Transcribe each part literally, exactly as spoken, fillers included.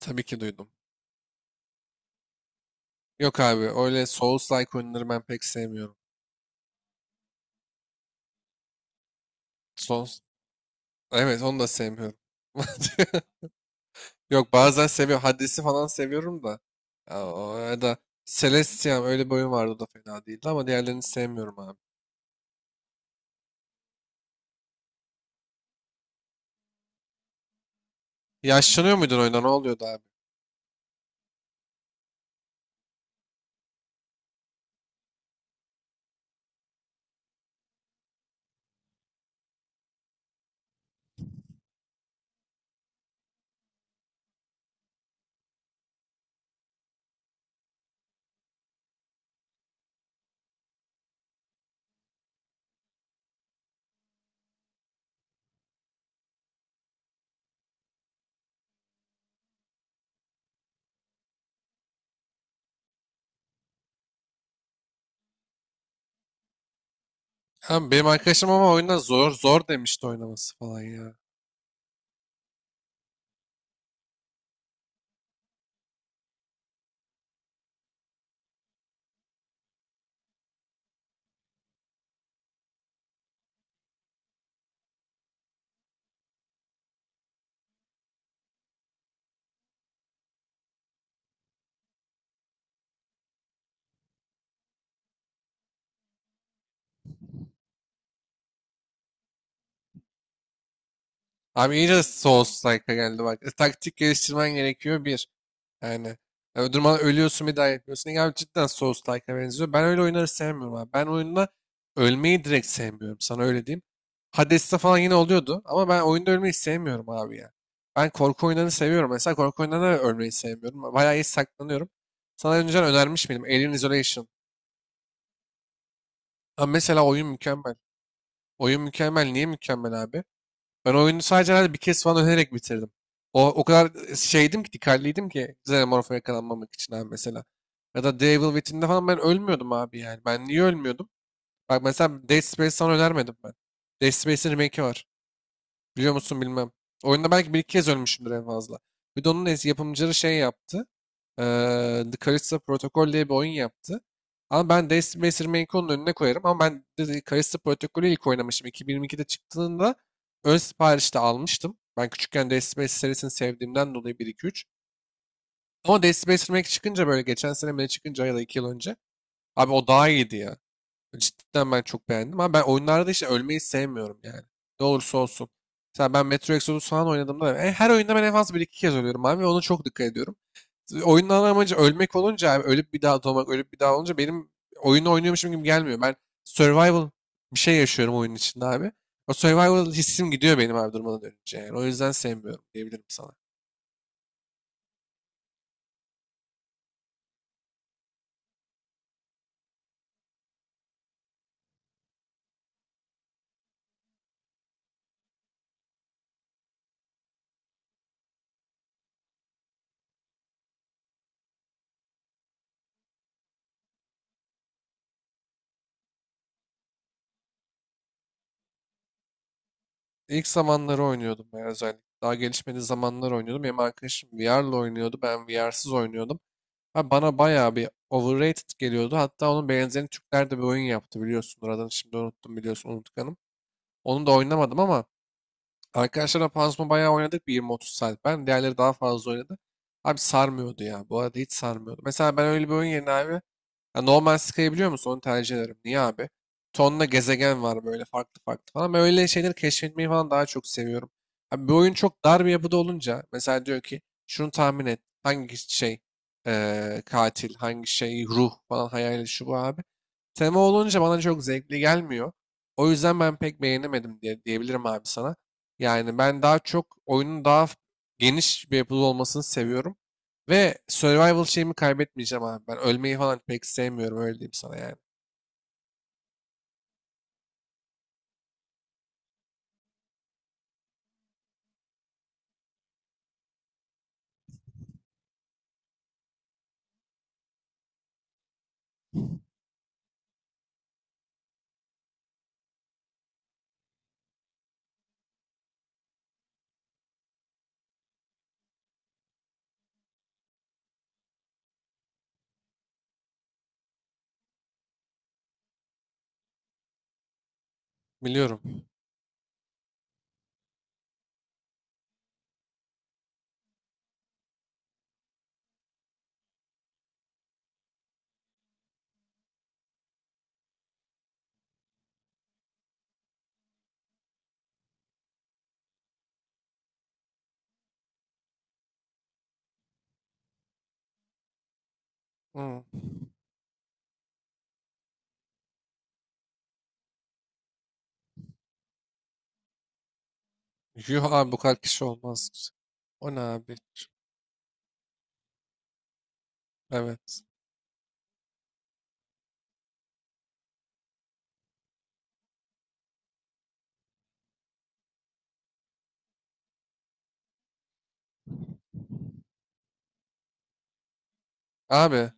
Tabii ki duydum. Yok abi öyle Souls-like oyunları ben pek sevmiyorum. Souls... Evet onu da sevmiyorum. Yok bazen seviyorum. Hades'i falan seviyorum da. Ya, o- ya da Celestia'm öyle bir oyun vardı o da fena değildi ama diğerlerini sevmiyorum abi. Yaşlanıyor muydun oyunda ne oluyordu abi? Abi benim arkadaşım ama oyunda zor zor demişti oynaması falan ya. Abi iyice Souls-like'a geldi bak. E, Taktik geliştirmen gerekiyor bir. Yani yani öldürmen ölüyorsun bir daha yapıyorsun. Yani cidden Souls-like'a benziyor. Ben öyle oyunları sevmiyorum abi. Ben oyunda ölmeyi direkt sevmiyorum. Sana öyle diyeyim. Hades'te falan yine oluyordu. Ama ben oyunda ölmeyi sevmiyorum abi ya. Ben korku oyunlarını seviyorum. Mesela korku oyunlarında ölmeyi sevmiyorum. Bayağı iyi saklanıyorum. Sana önceden önermiş miydim? Alien Isolation. Ha mesela oyun mükemmel. Oyun mükemmel. Niye mükemmel abi? Ben oyunu sadece herhalde bir kez falan önererek bitirdim. O, o kadar şeydim ki, dikkatliydim ki Xenomorph'a yakalanmamak için abi mesela. Ya da Devil Within'de falan ben ölmüyordum abi yani. Ben niye ölmüyordum? Bak mesela Dead Space sana önermedim ben. Dead Space'in remake'i var. Biliyor musun bilmem. Oyunda belki bir iki kez ölmüşümdür en fazla. Bir de onun es- yapımcıları şey yaptı, eee The Callisto Protocol diye bir oyun yaptı. Ama ben Destiny Master Manco'nun önüne koyarım. Ama ben de de Callisto Protocol'ü ilk oynamıştım. iki bin yirmi ikide çıktığında ön siparişte almıştım. Ben küçükken Destiny Master serisini sevdiğimden dolayı bir iki üç. Ama Destiny Master Manco çıkınca böyle geçen sene mi, ne çıkınca, ya da iki yıl önce. Abi o daha iyiydi ya. Cidden ben çok beğendim. Ama ben oyunlarda işte ölmeyi sevmiyorum yani. Ne olursa olsun. Mesela ben Metro Exodus falan oynadığımda, e, her oyunda ben en fazla bir iki kez ölüyorum abi ve ona çok dikkat ediyorum. Oyunun ana amacı ölmek olunca abi, ölüp bir daha doğmak, ölüp bir daha olunca benim oyunu oynuyormuşum gibi gelmiyor. Ben survival bir şey yaşıyorum oyunun içinde abi. O survival hissim gidiyor benim abi durmadan dönünce yani. O yüzden sevmiyorum diyebilirim sana. İlk zamanları oynuyordum ben özellikle. Daha gelişmediği zamanlar oynuyordum. Benim arkadaşım V R'la oynuyordu. Ben V R'sız oynuyordum. Abi bana bayağı bir overrated geliyordu. Hatta onun benzerini Türkler de bir oyun yaptı biliyorsun. Oradan şimdi unuttum, biliyorsun, unutkanım. Onu da oynamadım ama arkadaşlarla panzuma bayağı oynadık bir yirmi otuz saat. Ben diğerleri daha fazla oynadı. Abi sarmıyordu ya. Bu arada hiç sarmıyordu. Mesela ben öyle bir oyun yerine abi, ya normal Sky'ı biliyor musun? Onu tercih ederim. Niye abi? Tonla gezegen var böyle farklı farklı falan. Ben öyle şeyleri keşfetmeyi falan daha çok seviyorum. Abi bir oyun çok dar bir yapıda olunca mesela diyor ki şunu tahmin et. Hangi şey eee, katil, hangi şey ruh falan, hayali şu bu abi. Tema olunca bana çok zevkli gelmiyor. O yüzden ben pek beğenemedim diye diyebilirim abi sana. Yani ben daha çok oyunun daha geniş bir yapıda olmasını seviyorum. Ve survival şeyimi kaybetmeyeceğim abi. Ben ölmeyi falan pek sevmiyorum, öyle diyeyim sana yani. Biliyorum. Hmm. Yuh abi bu kadar kişi olmaz. O ne abi? Evet. Abi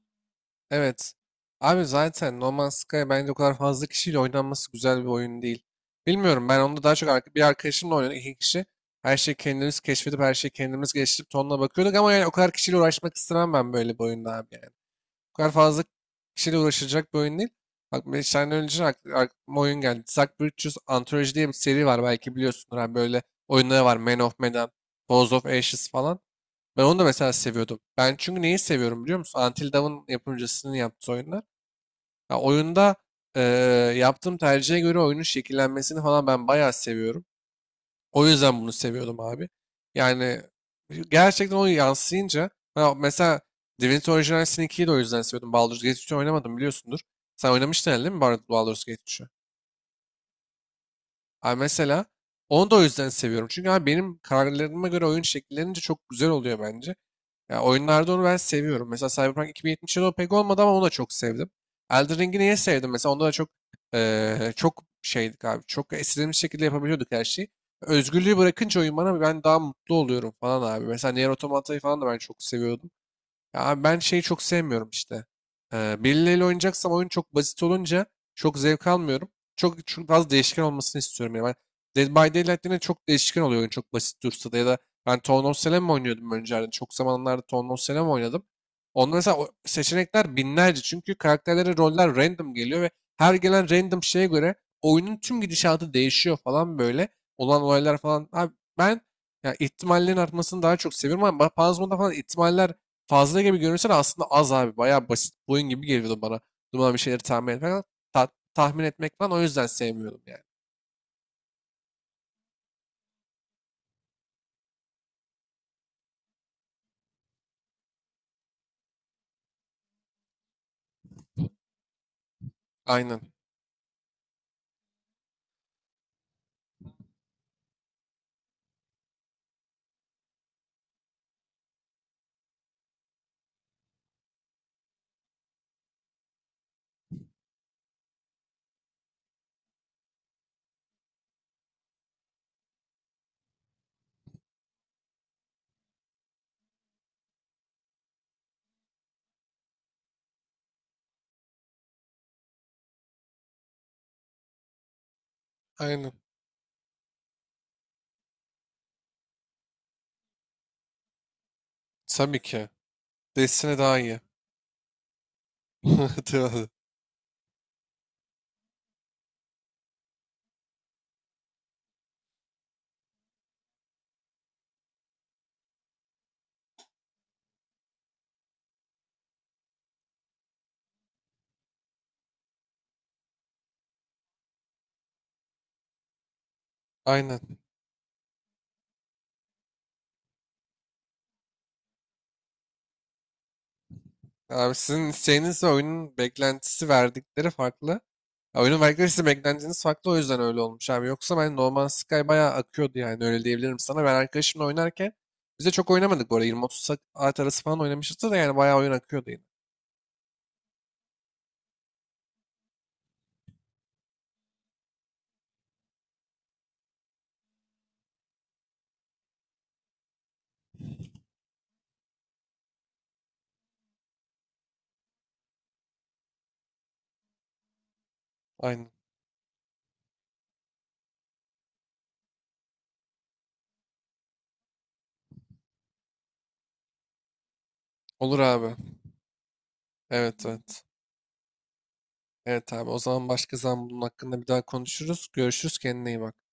evet. Abi zaten No Man's Sky bence o kadar fazla kişiyle oynanması güzel bir oyun değil. Bilmiyorum, ben onda daha çok ar- bir arkadaşımla oynadık iki kişi. Her şeyi kendimiz keşfedip her şeyi kendimiz geliştirip tonla bakıyorduk ama yani o kadar kişiyle uğraşmak istemem ben böyle bir oyunda abi yani. Bu kadar fazla kişiyle uğraşılacak bir oyun değil. Bak beş tane önce ak- aklıma oyun geldi. Zack Bridges Anthology diye bir seri var belki biliyorsunuz. Hani böyle oyunları var. Man of Medan, Balls of Ashes falan. Ben onu da mesela seviyordum. Ben çünkü neyi seviyorum biliyor musun? Until Dawn'ın yapımcısının yaptığı oyunlar. Ya oyunda, eee, yaptığım tercihe göre oyunun şekillenmesini falan ben bayağı seviyorum. O yüzden bunu seviyordum abi. Yani gerçekten o yansıyınca, ha mesela Divinity Original Sin ikiyi de o yüzden seviyordum. Baldur's Gate üçü oynamadım biliyorsundur. Sen oynamıştın herhalde değil mi Baldur's Gate üçü? Abi mesela onu da o yüzden seviyorum. Çünkü abi benim kararlarıma göre oyun şekillerince çok güzel oluyor bence. Ya oyunlarda onu ben seviyorum. Mesela Cyberpunk iki bin yetmiş yedi o pek olmadı ama onu da çok sevdim. Elden Ring'i niye sevdim? Mesela onda da çok eee, çok şeydik abi. Çok istediğimiz şekilde yapabiliyorduk her şeyi. Özgürlüğü bırakınca oyun bana, ben daha mutlu oluyorum falan abi. Mesela Nier Automata'yı falan da ben çok seviyordum. Ya abi ben şeyi çok sevmiyorum işte. Ee, birileriyle oynayacaksam oyun çok basit olunca çok zevk almıyorum. Çok, çok fazla değişken olmasını istiyorum. Yani ben Dead by Daylight'te de çok değişken oluyor oyun çok basit dursa da, ya da ben Town of Salem oynuyordum önceden. Çok zamanlarda Town of Salem oynadım. Onda mesela o seçenekler binlerce, çünkü karakterlere roller random geliyor ve her gelen random şeye göre oyunun tüm gidişatı değişiyor falan böyle. Olan olaylar falan. Abi ben, ya, ihtimallerin artmasını daha çok seviyorum ama ba- falan ihtimaller fazla gibi görünse de aslında az abi. Bayağı basit bir oyun gibi geliyordu bana. Duman bir şeyleri tahmin etmek falan. ta- tahmin etmek falan o yüzden sevmiyordum yani. Aynen. Aynen. Tabii ki. Destiny daha iyi. Tabii. Aynen. Abi sizin isteğiniz ve oyunun beklentisi verdikleri farklı. Ya oyunun verdikleri size beklentiniz farklı o yüzden öyle olmuş abi. Yoksa ben No Man's Sky bayağı akıyordu yani öyle diyebilirim sana. Ben arkadaşımla oynarken biz de çok oynamadık bu arada. yirmi otuz saat arası falan oynamışız da yani bayağı oyun akıyordu yine. Aynen. Olur abi. Evet evet. Evet abi o zaman başka zaman bunun hakkında bir daha konuşuruz. Görüşürüz, kendine iyi bak.